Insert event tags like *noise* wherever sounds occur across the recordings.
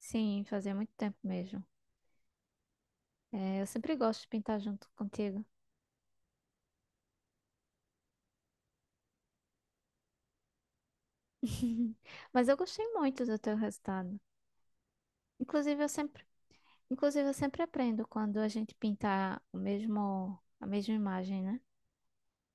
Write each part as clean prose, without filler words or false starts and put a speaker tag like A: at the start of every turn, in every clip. A: Sim, fazia muito tempo mesmo. É, eu sempre gosto de pintar junto contigo. *laughs* Mas eu gostei muito do teu resultado. Inclusive, eu sempre, Inclusive, eu sempre aprendo quando a gente pintar o mesmo, a mesma imagem, né?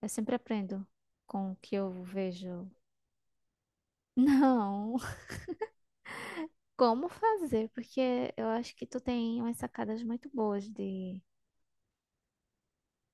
A: Eu sempre aprendo com o que eu vejo. Não, *laughs* como fazer? Porque eu acho que tu tem umas sacadas muito boas de,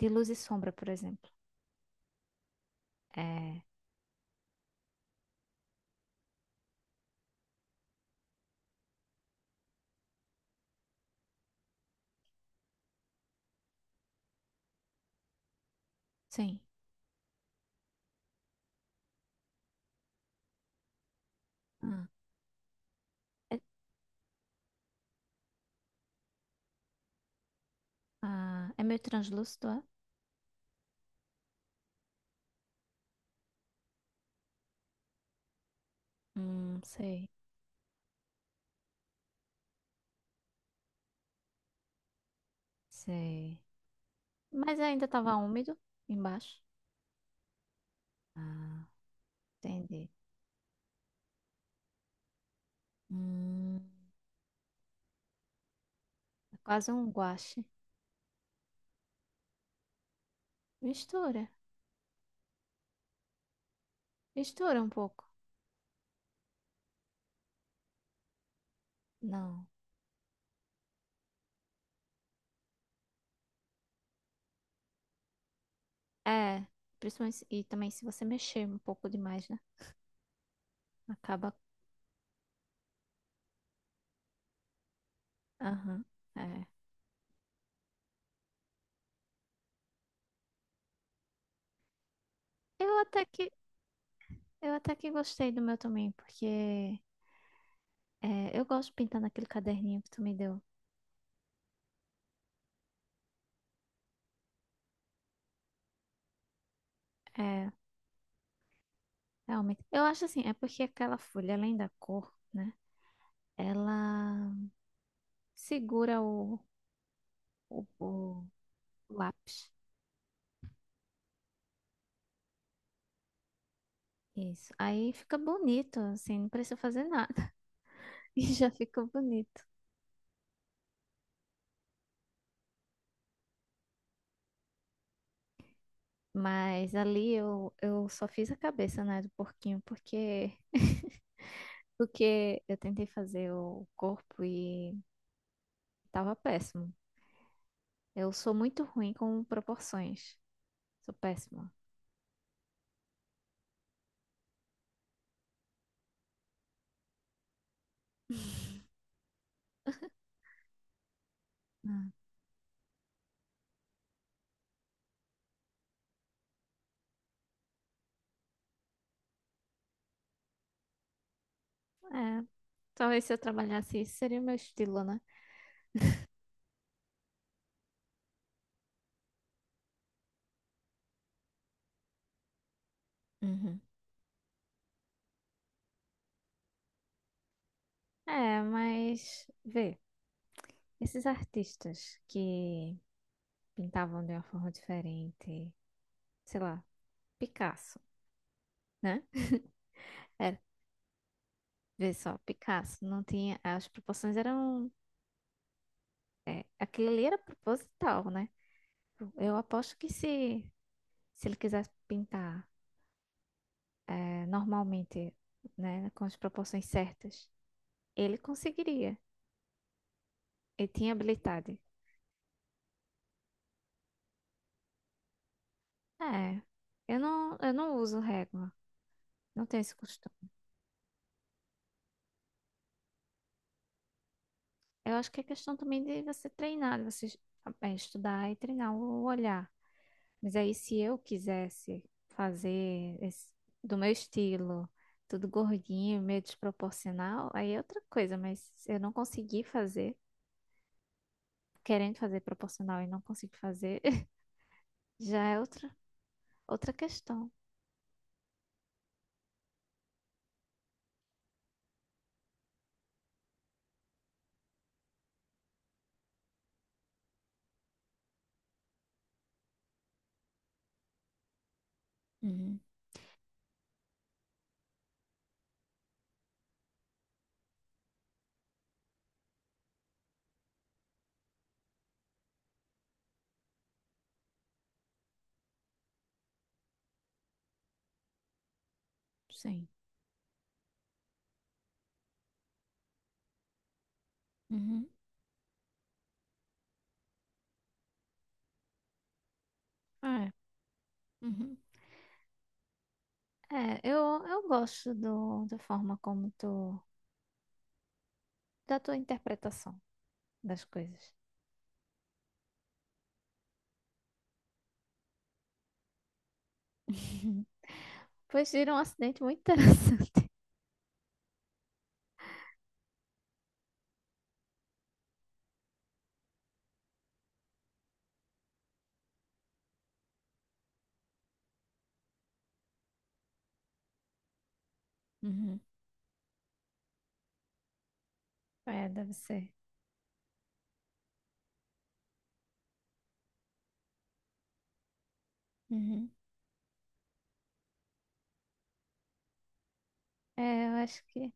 A: de luz e sombra, por exemplo. É, sim. Ah, é, ah, é meio translúcido, é? Sei, sei. Mas ainda estava úmido embaixo. Ah, entendi. Hum, é quase um guache. Mistura. Mistura um pouco. Não. É. Principalmente, e também se você mexer um pouco demais, né? Acaba. Aham. É. Eu até que, eu até que gostei do meu também, porque é, eu gosto pintando aquele caderninho que tu me deu. É, realmente. Eu acho assim, é porque aquela folha, além da cor, né? Ela segura o o lápis. Isso. Aí fica bonito, assim, não precisa fazer nada *laughs* e já fica bonito. Mas ali eu só fiz a cabeça, né, do porquinho, porque *laughs* porque eu tentei fazer o corpo e tava péssimo. Eu sou muito ruim com proporções. Sou péssima. Hum. É, talvez se eu trabalhasse isso seria o meu estilo, né? Uhum. É, mas vê, esses artistas que pintavam de uma forma diferente, sei lá, Picasso, né? Era Vê só, Picasso não tinha. As proporções eram. Aquilo ali era proposital, né? Eu aposto que se ele quisesse pintar normalmente, né, com as proporções certas, ele conseguiria. Ele tinha habilidade. É, eu não uso régua, não tenho esse costume. Eu acho que é questão também de você treinar, de você estudar e treinar o olhar. Mas aí, se eu quisesse fazer do meu estilo, tudo gordinho, meio desproporcional, aí é outra coisa, mas se eu não consegui fazer, querendo fazer proporcional e não consigo fazer, *laughs* já é outra questão. Uhum, sim. Uhum, é. Uhum. É, eu gosto do, da forma como tu, da tua interpretação das coisas. *laughs* Pois vira um acidente muito interessante. *laughs* Uhum, é, deve ser. Uhum. É, eu acho que,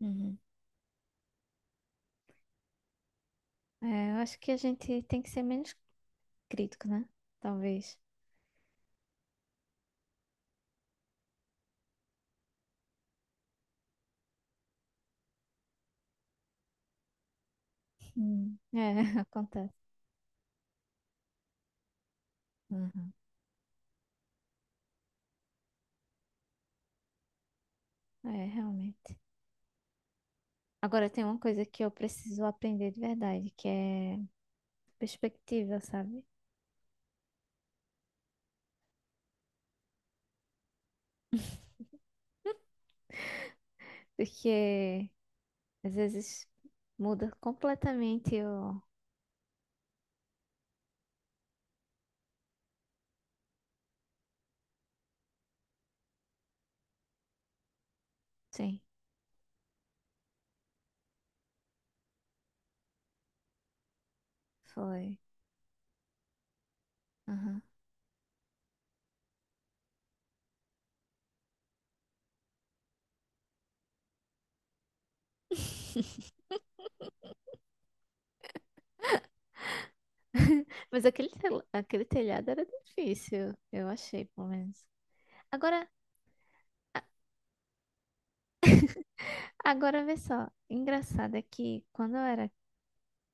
A: uhum. É, eu acho que a gente tem que ser menos crítico, né? Talvez. Hum. É, *laughs* acontece. Uhum. É, realmente. Agora tem uma coisa que eu preciso aprender de verdade, que é perspectiva, sabe? Porque às vezes muda completamente o. Sim, foi. Aham. *laughs* Mas aquele telhado era difícil, eu achei, pelo menos. Agora, agora vê só, engraçado é que quando eu era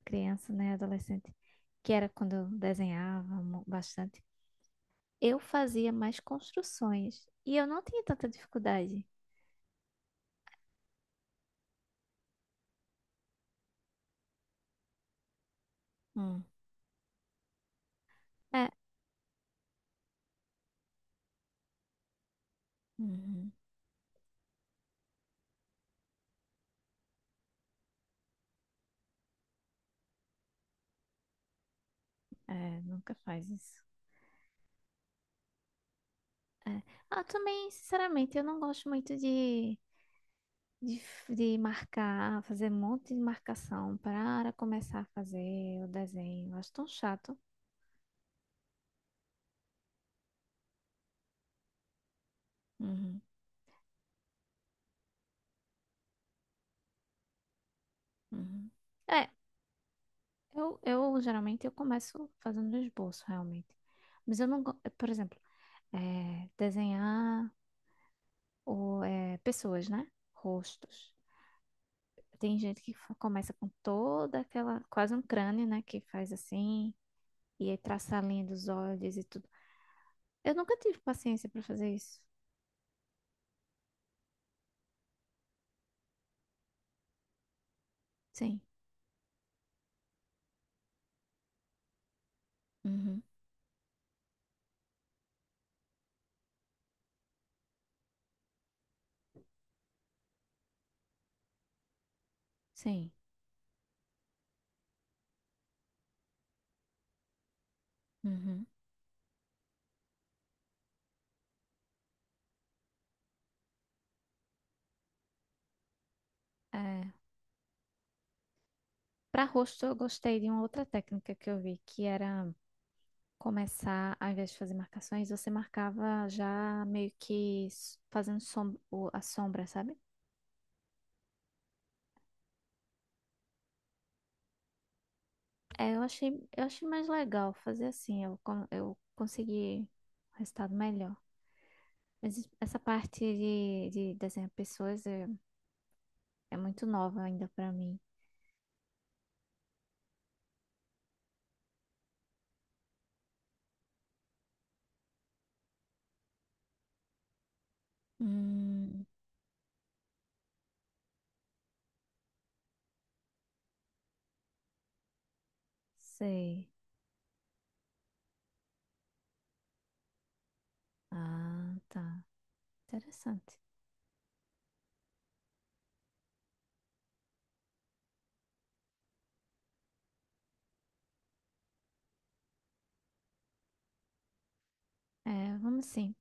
A: criança, né, adolescente, que era quando eu desenhava bastante, eu fazia mais construções e eu não tinha tanta dificuldade. Hum. É, uhum, é, nunca faz isso. É. Ah, também, sinceramente, eu não gosto muito de, de marcar, fazer um monte de marcação para começar a fazer o desenho. Eu acho tão chato. Uhum, uhum. É, eu, geralmente eu começo fazendo um esboço, realmente. Mas eu não, por exemplo, é, desenhar pessoas, né? Rostos. Tem gente que começa com toda aquela, quase um crânio, né? Que faz assim, e aí traça a linha dos olhos e tudo. Eu nunca tive paciência para fazer isso. Sim. Uhum. Sim. Uhum. É. Para rosto, eu gostei de uma outra técnica que eu vi, que era começar, ao invés de fazer marcações, você marcava já meio que fazendo a sombra, sabe? É, eu achei mais legal fazer assim, eu consegui um resultado melhor. Mas essa parte de desenhar pessoas é muito nova ainda pra mim. Hum, sei. Ah, tá. Interessante. É, vamos sim.